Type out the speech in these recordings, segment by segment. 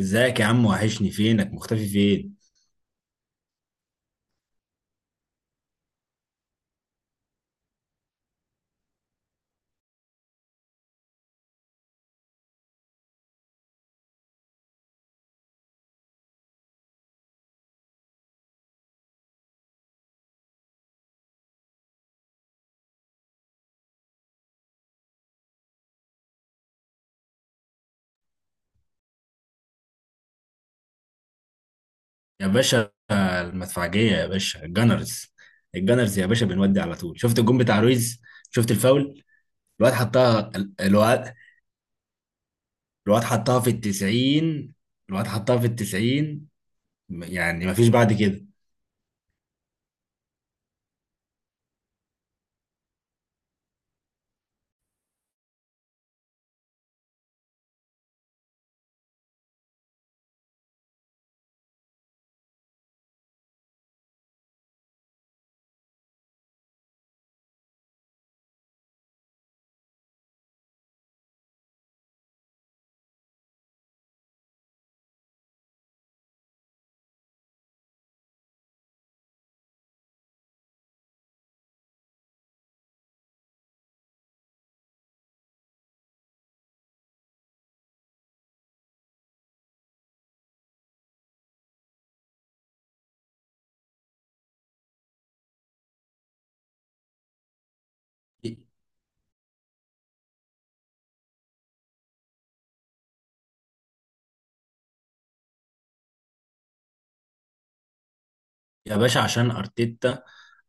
ازيك يا عم، وحشني، فينك مختفي فين؟ يا باشا المدفعجية، يا باشا الجانرز. الجانرز يا باشا، بنودي على طول. شفت الجون بتاع رويز؟ شفت الفاول؟ الواد حطها، الواد، الواد حطها في التسعين، الواد حطها في التسعين. يعني مفيش بعد كده. يا باشا عشان ارتيتا،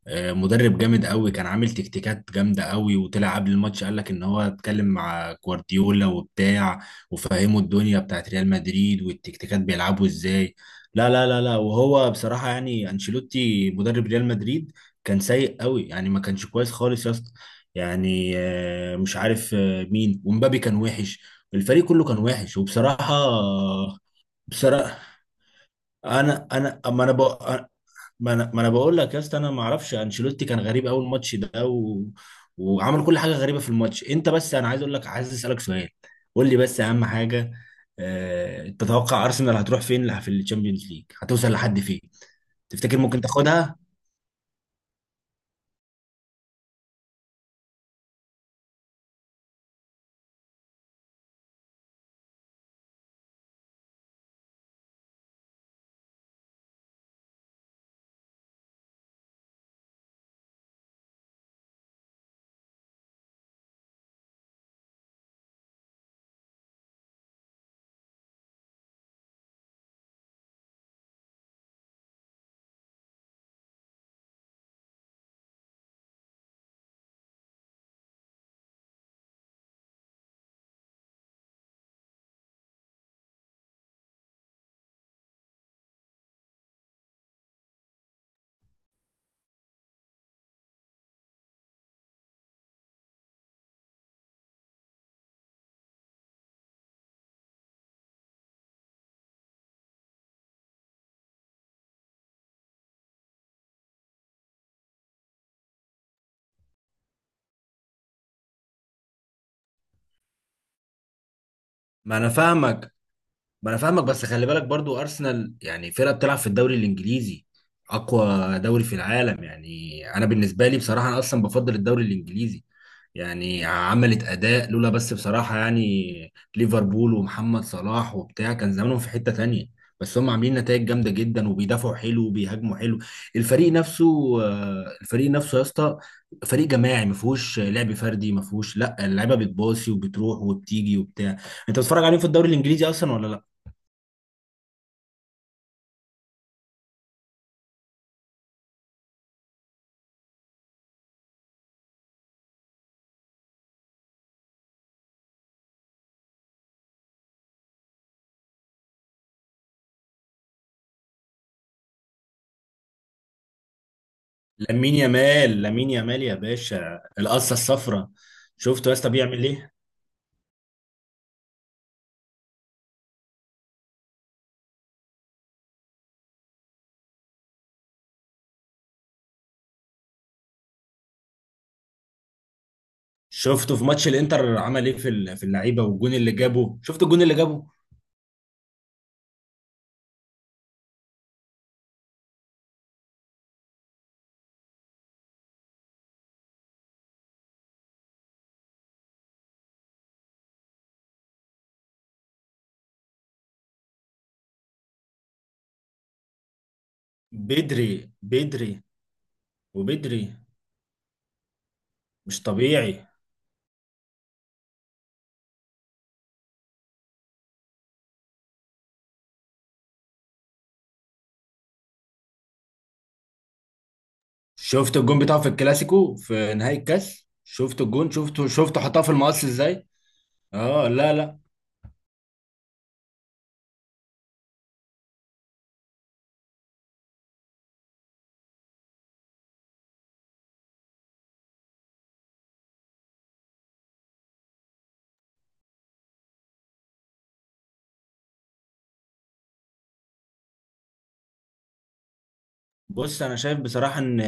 مدرب جامد قوي، كان عامل تكتيكات جامده قوي، وطلع قبل الماتش قال لك ان هو اتكلم مع جوارديولا وبتاع، وفهمه الدنيا بتاعت ريال مدريد والتكتيكات بيلعبوا ازاي. لا لا لا لا، وهو بصراحه يعني انشيلوتي مدرب ريال مدريد كان سيء قوي، يعني ما كانش كويس خالص يا اسطى. يعني مش عارف مين، ومبابي كان وحش. الفريق كله كان وحش، وبصراحه. بصراحه، انا اما انا بقى. ما انا بقول لك يا اسطى، انا ما اعرفش، انشيلوتي كان غريب اول ماتش ده، و... وعمل كل حاجه غريبه في الماتش. انت بس انا عايز اقول لك، عايز اسالك سؤال، قول لي بس اهم حاجه. تتوقع ارسنال هتروح فين في الشامبيونز ليج؟ هتوصل لحد فين؟ تفتكر ممكن تاخدها؟ ما انا فاهمك، ما انا فاهمك، بس خلي بالك برضو، ارسنال يعني فرقه بتلعب في الدوري الانجليزي، اقوى دوري في العالم. يعني انا بالنسبه لي بصراحه، انا اصلا بفضل الدوري الانجليزي. يعني عملت اداء لولا، بس بصراحه يعني ليفربول ومحمد صلاح وبتاع كان زمانهم في حته تانية. بس هم عاملين نتائج جامده جدا، وبيدافعوا حلو، وبيهاجموا حلو. الفريق نفسه، الفريق نفسه يا اسطى. فريق جماعي، ما فيهوش لعب فردي، ما فيهوش، لا، اللعيبه بتباصي وبتروح وبتيجي وبتاع. انت بتتفرج عليهم في الدوري الانجليزي اصلا ولا لا؟ لامين يامال، لامين يامال يا باشا، القصه الصفراء. شفته يا اسطى بيعمل ايه؟ شفته في ماتش الانتر عمل ايه في اللعيبه؟ والجون اللي جابه، شفت الجون اللي جابه؟ بدري بدري، وبدري مش طبيعي. شفت الجون بتاعه في الكلاسيكو في نهائي الكاس؟ شفت الجون؟ شفته حطها في المقص ازاي؟ اه، لا لا. بص، انا شايف بصراحه ان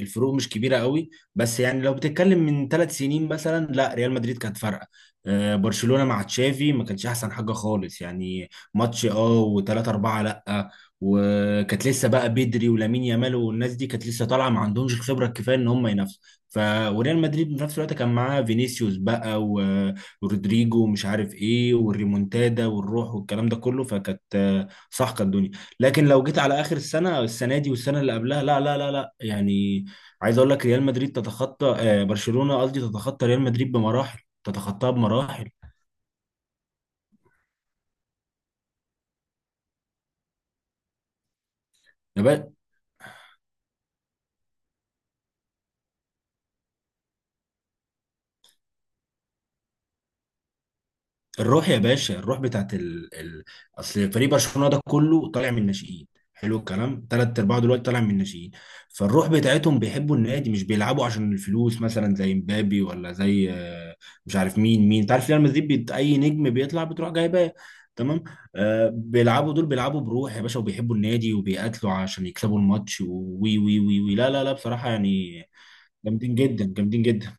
الفروق مش كبيره قوي، بس يعني لو بتتكلم من 3 سنين مثلا، لا، ريال مدريد كانت فارقه. برشلونه مع تشافي ما كانش احسن حاجه خالص يعني. ماتش وثلاثة أربعة، لا. وكانت لسه بقى بدري ولامين يامال والناس دي كانت لسه طالعه، ما عندهمش الخبره الكفايه ان هم ينافسوا. ف وريال مدريد في نفس الوقت كان معاه فينيسيوس بقى، و- ورودريجو ومش عارف ايه والريمونتادا والروح والكلام ده كله، فكانت صح كانت الدنيا. لكن لو جيت على اخر السنه، السنه دي والسنه اللي قبلها، لا لا لا لا، يعني عايز اقول لك ريال مدريد تتخطى برشلونه، قصدي تتخطى ريال مدريد بمراحل، تتخطاها بمراحل. الروح يا باشا، الروح بتاعت اصل فريق برشلونه ده كله طالع من الناشئين. حلو الكلام، ثلاث ارباعه دلوقتي طالع من الناشئين. فالروح بتاعتهم بيحبوا النادي، مش بيلعبوا عشان الفلوس مثلا زي مبابي، ولا زي مش عارف مين، انت عارف ريال مدريد اي نجم بيطلع بتروح جايباه. تمام. بيلعبوا دول بيلعبوا بروح يا باشا، وبيحبوا النادي، وبيقاتلوا عشان يكسبوا الماتش، وي وي وي وي، لا لا لا، بصراحه يعني جامدين جدا، جامدين جدا.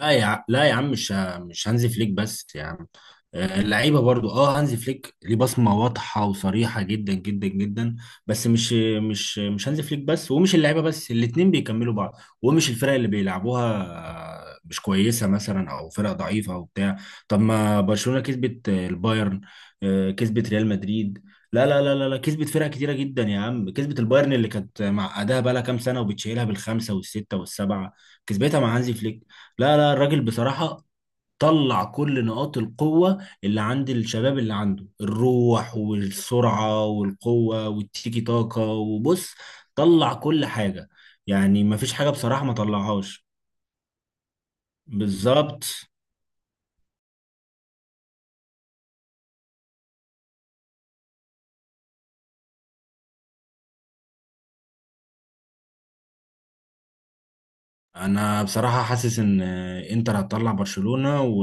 لا يا عم، مش هانزي فليك بس يا عم. اللعيبه برضو، هانزي فليك ليه بصمه واضحه وصريحه جدا جدا جدا. بس مش هانزي فليك بس، ومش اللعيبه بس، الاتنين بيكملوا بعض. ومش الفرق اللي بيلعبوها مش كويسه مثلا، او فرق ضعيفه، او بتاع. طب ما برشلونه كسبت البايرن، كسبت ريال مدريد. لا لا لا لا لا، كسبت فرق كتيره جدا يا عم، كسبت البايرن اللي كانت معقداها بقى لها كام سنه، وبتشيلها بالخمسه والسته والسبعه. كسبتها مع هانزي فليك. لا لا، الراجل بصراحة طلع كل نقاط القوة اللي عند الشباب، اللي عنده الروح والسرعة والقوة والتيكي تاكا، وبص، طلع كل حاجة. يعني مفيش حاجة بصراحة ما طلعهاش. بالظبط. أنا بصراحة حاسس إن إنتر هتطلع برشلونة، و...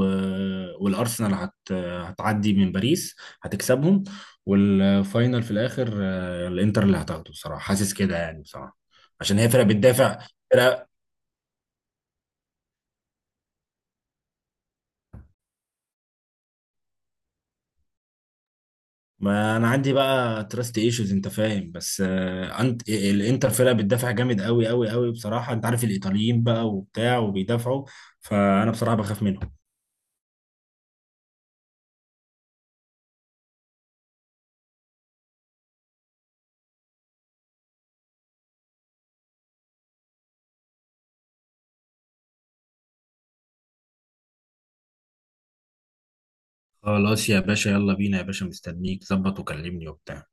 والأرسنال هت... هتعدي من باريس، هتكسبهم. والفاينل في الآخر، الإنتر اللي هتاخده بصراحة، حاسس كده يعني بصراحة. عشان هي فرقة بتدافع. ما انا عندي بقى تراست ايشوز، انت فاهم، بس انت الانتر فرقه بتدافع جامد قوي قوي قوي بصراحه، انت عارف الايطاليين بقى وبتاع وبيدافعوا. فانا بصراحه بخاف منهم. خلاص يا باشا، يلا بينا يا باشا، مستنيك ظبط وكلمني وبتاع.